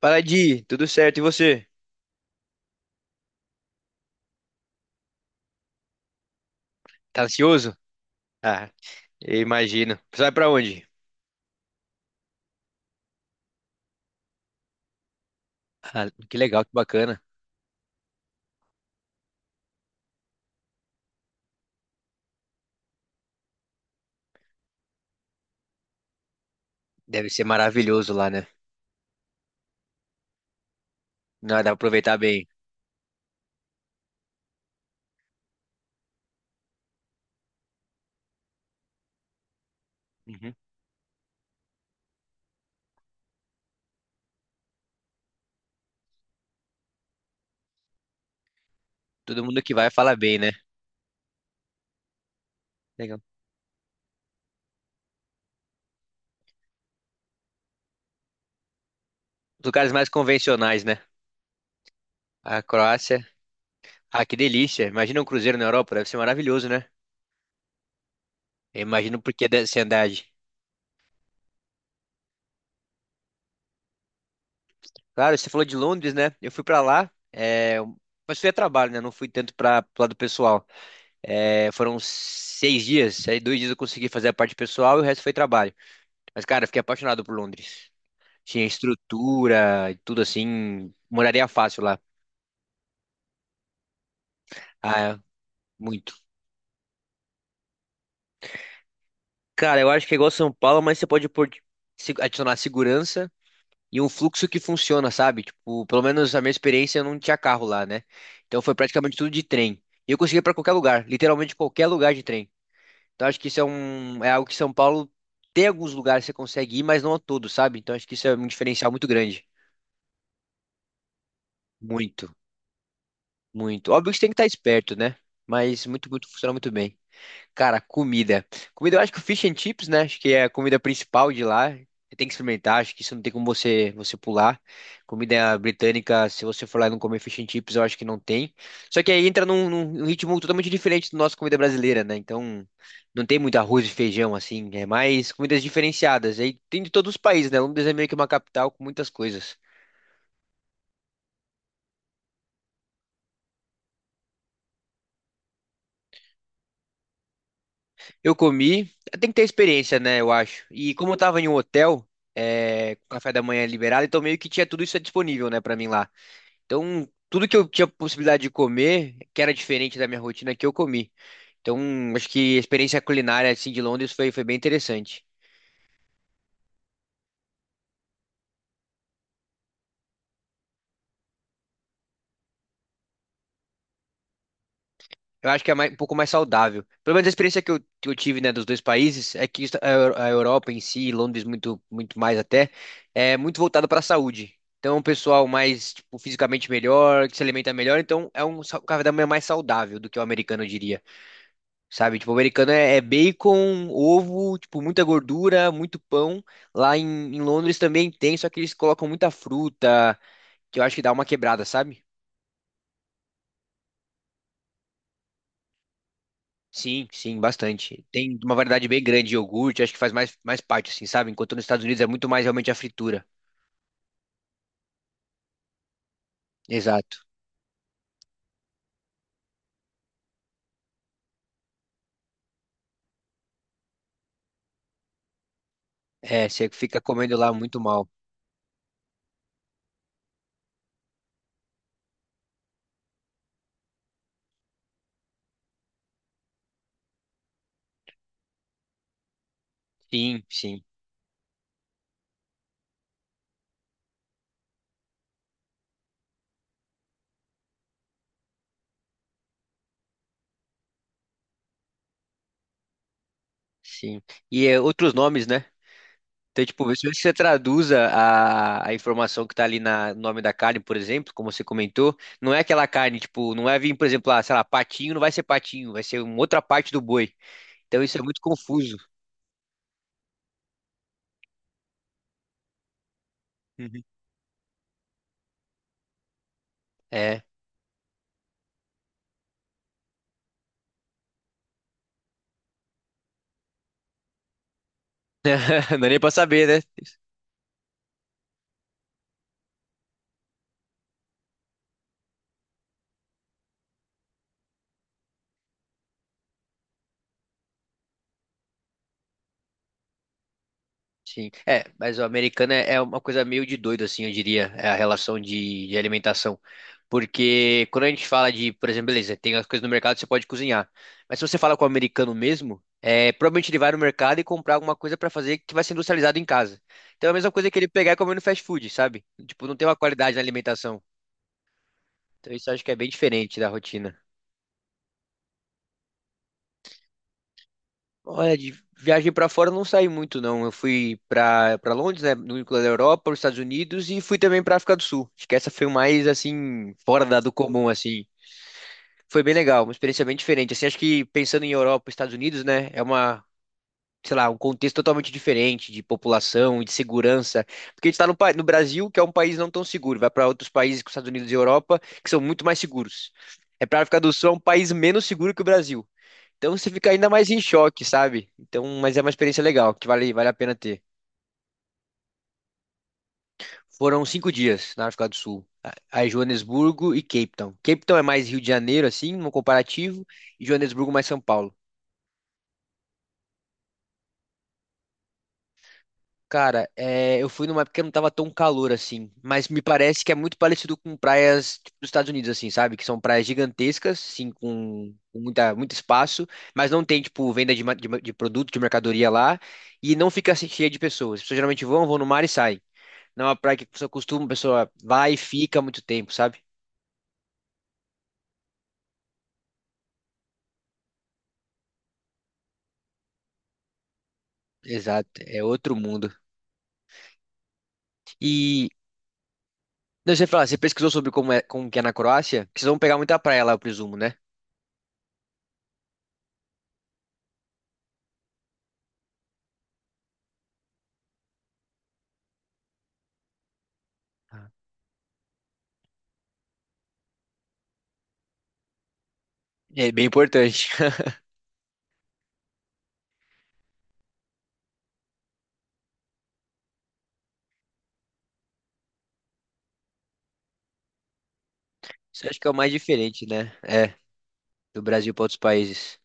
Fala, Di, tudo certo? E você? Tá ansioso? Ah, eu imagino. Você vai pra onde? Ah, que legal, que bacana. Deve ser maravilhoso lá, né? Não, dá pra aproveitar bem. Uhum. Todo mundo que vai fala bem, né? Legal. Os lugares mais convencionais, né? A Croácia. Ah, que delícia. Imagina um cruzeiro na Europa, deve ser maravilhoso, né? Eu imagino por que dessa ansiedade. Claro, você falou de Londres, né? Eu fui pra lá, mas fui a trabalho, né? Não fui tanto pro lado pessoal. É, foram 6 dias, aí 2 dias eu consegui fazer a parte pessoal e o resto foi trabalho. Mas, cara, eu fiquei apaixonado por Londres. Tinha estrutura e tudo assim. Moraria fácil lá. Ah, é, muito. Cara, eu acho que é igual São Paulo, mas você pode adicionar segurança e um fluxo que funciona, sabe? Tipo, pelo menos a minha experiência, eu não tinha carro lá, né? Então foi praticamente tudo de trem. E eu consegui ir pra qualquer lugar, literalmente qualquer lugar de trem. Então acho que isso é um, é algo que São Paulo tem alguns lugares que você consegue ir, mas não a todos, sabe? Então acho que isso é um diferencial muito grande. Muito. Muito. Óbvio que você tem que estar esperto, né? Mas muito, muito, funciona muito bem. Cara, comida. Comida, eu acho que o fish and chips, né? Acho que é a comida principal de lá. Você tem que experimentar, acho que isso não tem como você pular. Comida britânica, se você for lá e não comer fish and chips, eu acho que não tem. Só que aí entra num ritmo totalmente diferente do nosso comida brasileira, né? Então, não tem muito arroz e feijão, assim. É mais comidas diferenciadas. Aí tem de todos os países, né? Londres é meio que uma capital com muitas coisas. Eu comi, tem que ter experiência, né, eu acho. E como eu tava em um hotel, é, com café da manhã liberado, então meio que tinha tudo isso disponível, né, pra mim lá. Então, tudo que eu tinha possibilidade de comer, que era diferente da minha rotina, que eu comi. Então, acho que a experiência culinária, assim, de Londres foi bem interessante. Eu acho que é mais um pouco mais saudável. Pelo menos a experiência que eu tive, né, dos dois países é que a a Europa em si, Londres muito, muito mais até, é muito voltada para a saúde. Então, o pessoal mais, tipo, fisicamente melhor, que se alimenta melhor, então é um sa- café da manhã mais saudável do que o americano, eu diria. Sabe? Tipo, o americano é bacon, ovo, tipo, muita gordura, muito pão. Lá em Londres também tem, só que eles colocam muita fruta, que eu acho que dá uma quebrada, sabe? Sim, sim, bastante. Tem uma variedade bem grande de iogurte, acho que faz mais parte, assim, sabe? Enquanto nos Estados Unidos é muito mais realmente a fritura. Exato. É, você fica comendo lá muito mal. Sim, sim, sim. E é, outros nomes, né? Então, tipo, se você traduza a informação que tá ali na, no nome da carne, por exemplo, como você comentou, não é aquela carne, tipo, não é vir, por exemplo, lá, sei lá, patinho, não vai ser patinho, vai ser uma outra parte do boi. Então isso é muito confuso. Uhum. É, não é nem pra saber, né? Sim, é, mas o americano é uma coisa meio de doido, assim, eu diria, é a relação de alimentação. Porque quando a gente fala de, por exemplo, beleza, tem as coisas no mercado, você pode cozinhar. Mas se você fala com o americano mesmo, é, provavelmente ele vai no mercado e comprar alguma coisa pra fazer que vai ser industrializado em casa. Então é a mesma coisa que ele pegar e comer no fast food, sabe? Tipo, não tem uma qualidade na alimentação. Então isso eu acho que é bem diferente da rotina. Olha, de viagem pra fora eu não saí muito, não. Eu fui para Londres, né, no núcleo da Europa, os Estados Unidos e fui também para África do Sul. Acho que essa foi mais assim fora do comum, assim. Foi bem legal, uma experiência bem diferente. Assim, acho que pensando em Europa, Estados Unidos, né, é uma, sei lá, um contexto totalmente diferente de população, de segurança, porque a gente tá no, pa- no Brasil, que é um país não tão seguro. Vai para outros países, como Estados Unidos e Europa, que são muito mais seguros. É para África do Sul, é um país menos seguro que o Brasil. Então você fica ainda mais em choque, sabe? Então, mas é uma experiência legal, que vale a pena ter. Foram 5 dias na África do Sul, aí Joanesburgo e Cape Town. Cape Town é mais Rio de Janeiro, assim, no comparativo, e Joanesburgo mais São Paulo. Cara, é, eu fui numa época que não tava tão calor assim, mas me parece que é muito parecido com praias tipo, dos Estados Unidos, assim, sabe? Que são praias gigantescas, sim, com muita, muito espaço, mas não tem, tipo, venda de produto, de mercadoria lá, e não fica assim, cheia de pessoas. As pessoas geralmente vão no mar e saem. Não é uma praia que a pessoa costuma, a pessoa vai e fica muito tempo, sabe? Exato, é outro mundo. E não, você fala, você pesquisou sobre como é, como que é na Croácia? Porque vocês vão pegar muita praia lá, eu presumo, né? Ah. É bem importante. Isso eu acho que é o mais diferente, né? É, do Brasil para outros países.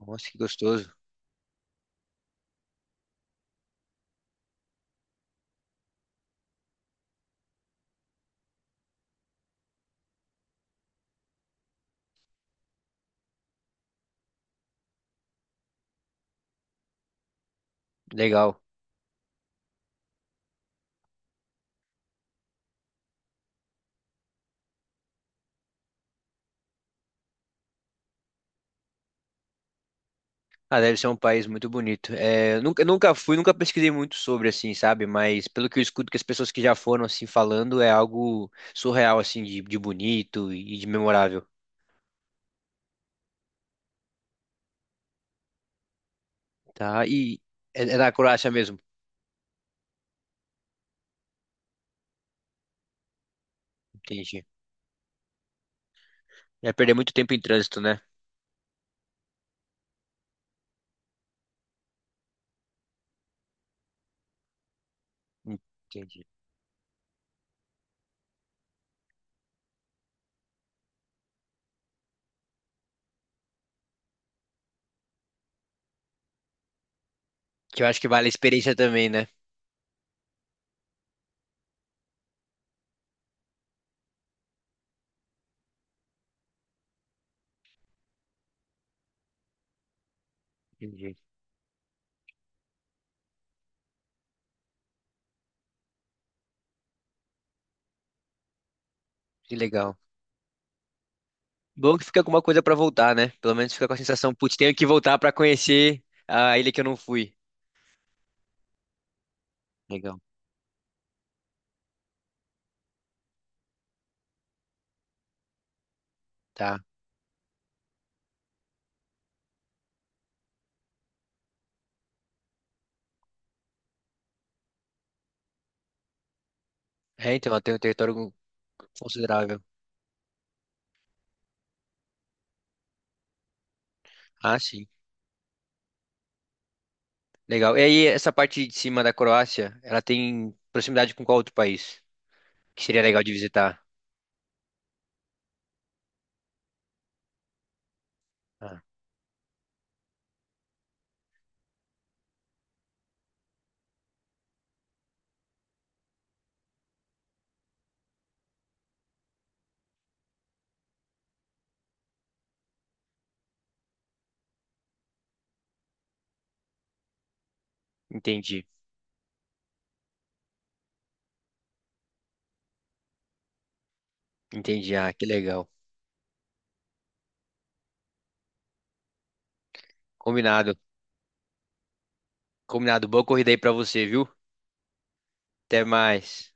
Nossa, que gostoso. Legal. Ah, deve ser um país muito bonito. É, eu nunca, nunca fui, nunca pesquisei muito sobre, assim, sabe? Mas pelo que eu escuto que as pessoas que já foram, assim, falando, é algo surreal, assim, de bonito e de memorável. Tá, e é na Croácia mesmo. Entendi. Vai perder muito tempo em trânsito, né? Entendi. Que eu acho que vale a experiência também, né? Entendi. Que legal. Bom que fica alguma coisa pra voltar, né? Pelo menos fica com a sensação, putz, tenho que voltar pra conhecer a ilha que eu não fui. Legal. Tá. É, então, ela tem um território considerável. Ah, sim. Legal. E aí, essa parte de cima da Croácia, ela tem proximidade com qual outro país? Que seria legal de visitar? Ah, entendi. Entendi. Ah, que legal. Combinado. Combinado. Boa corrida aí pra você, viu? Até mais.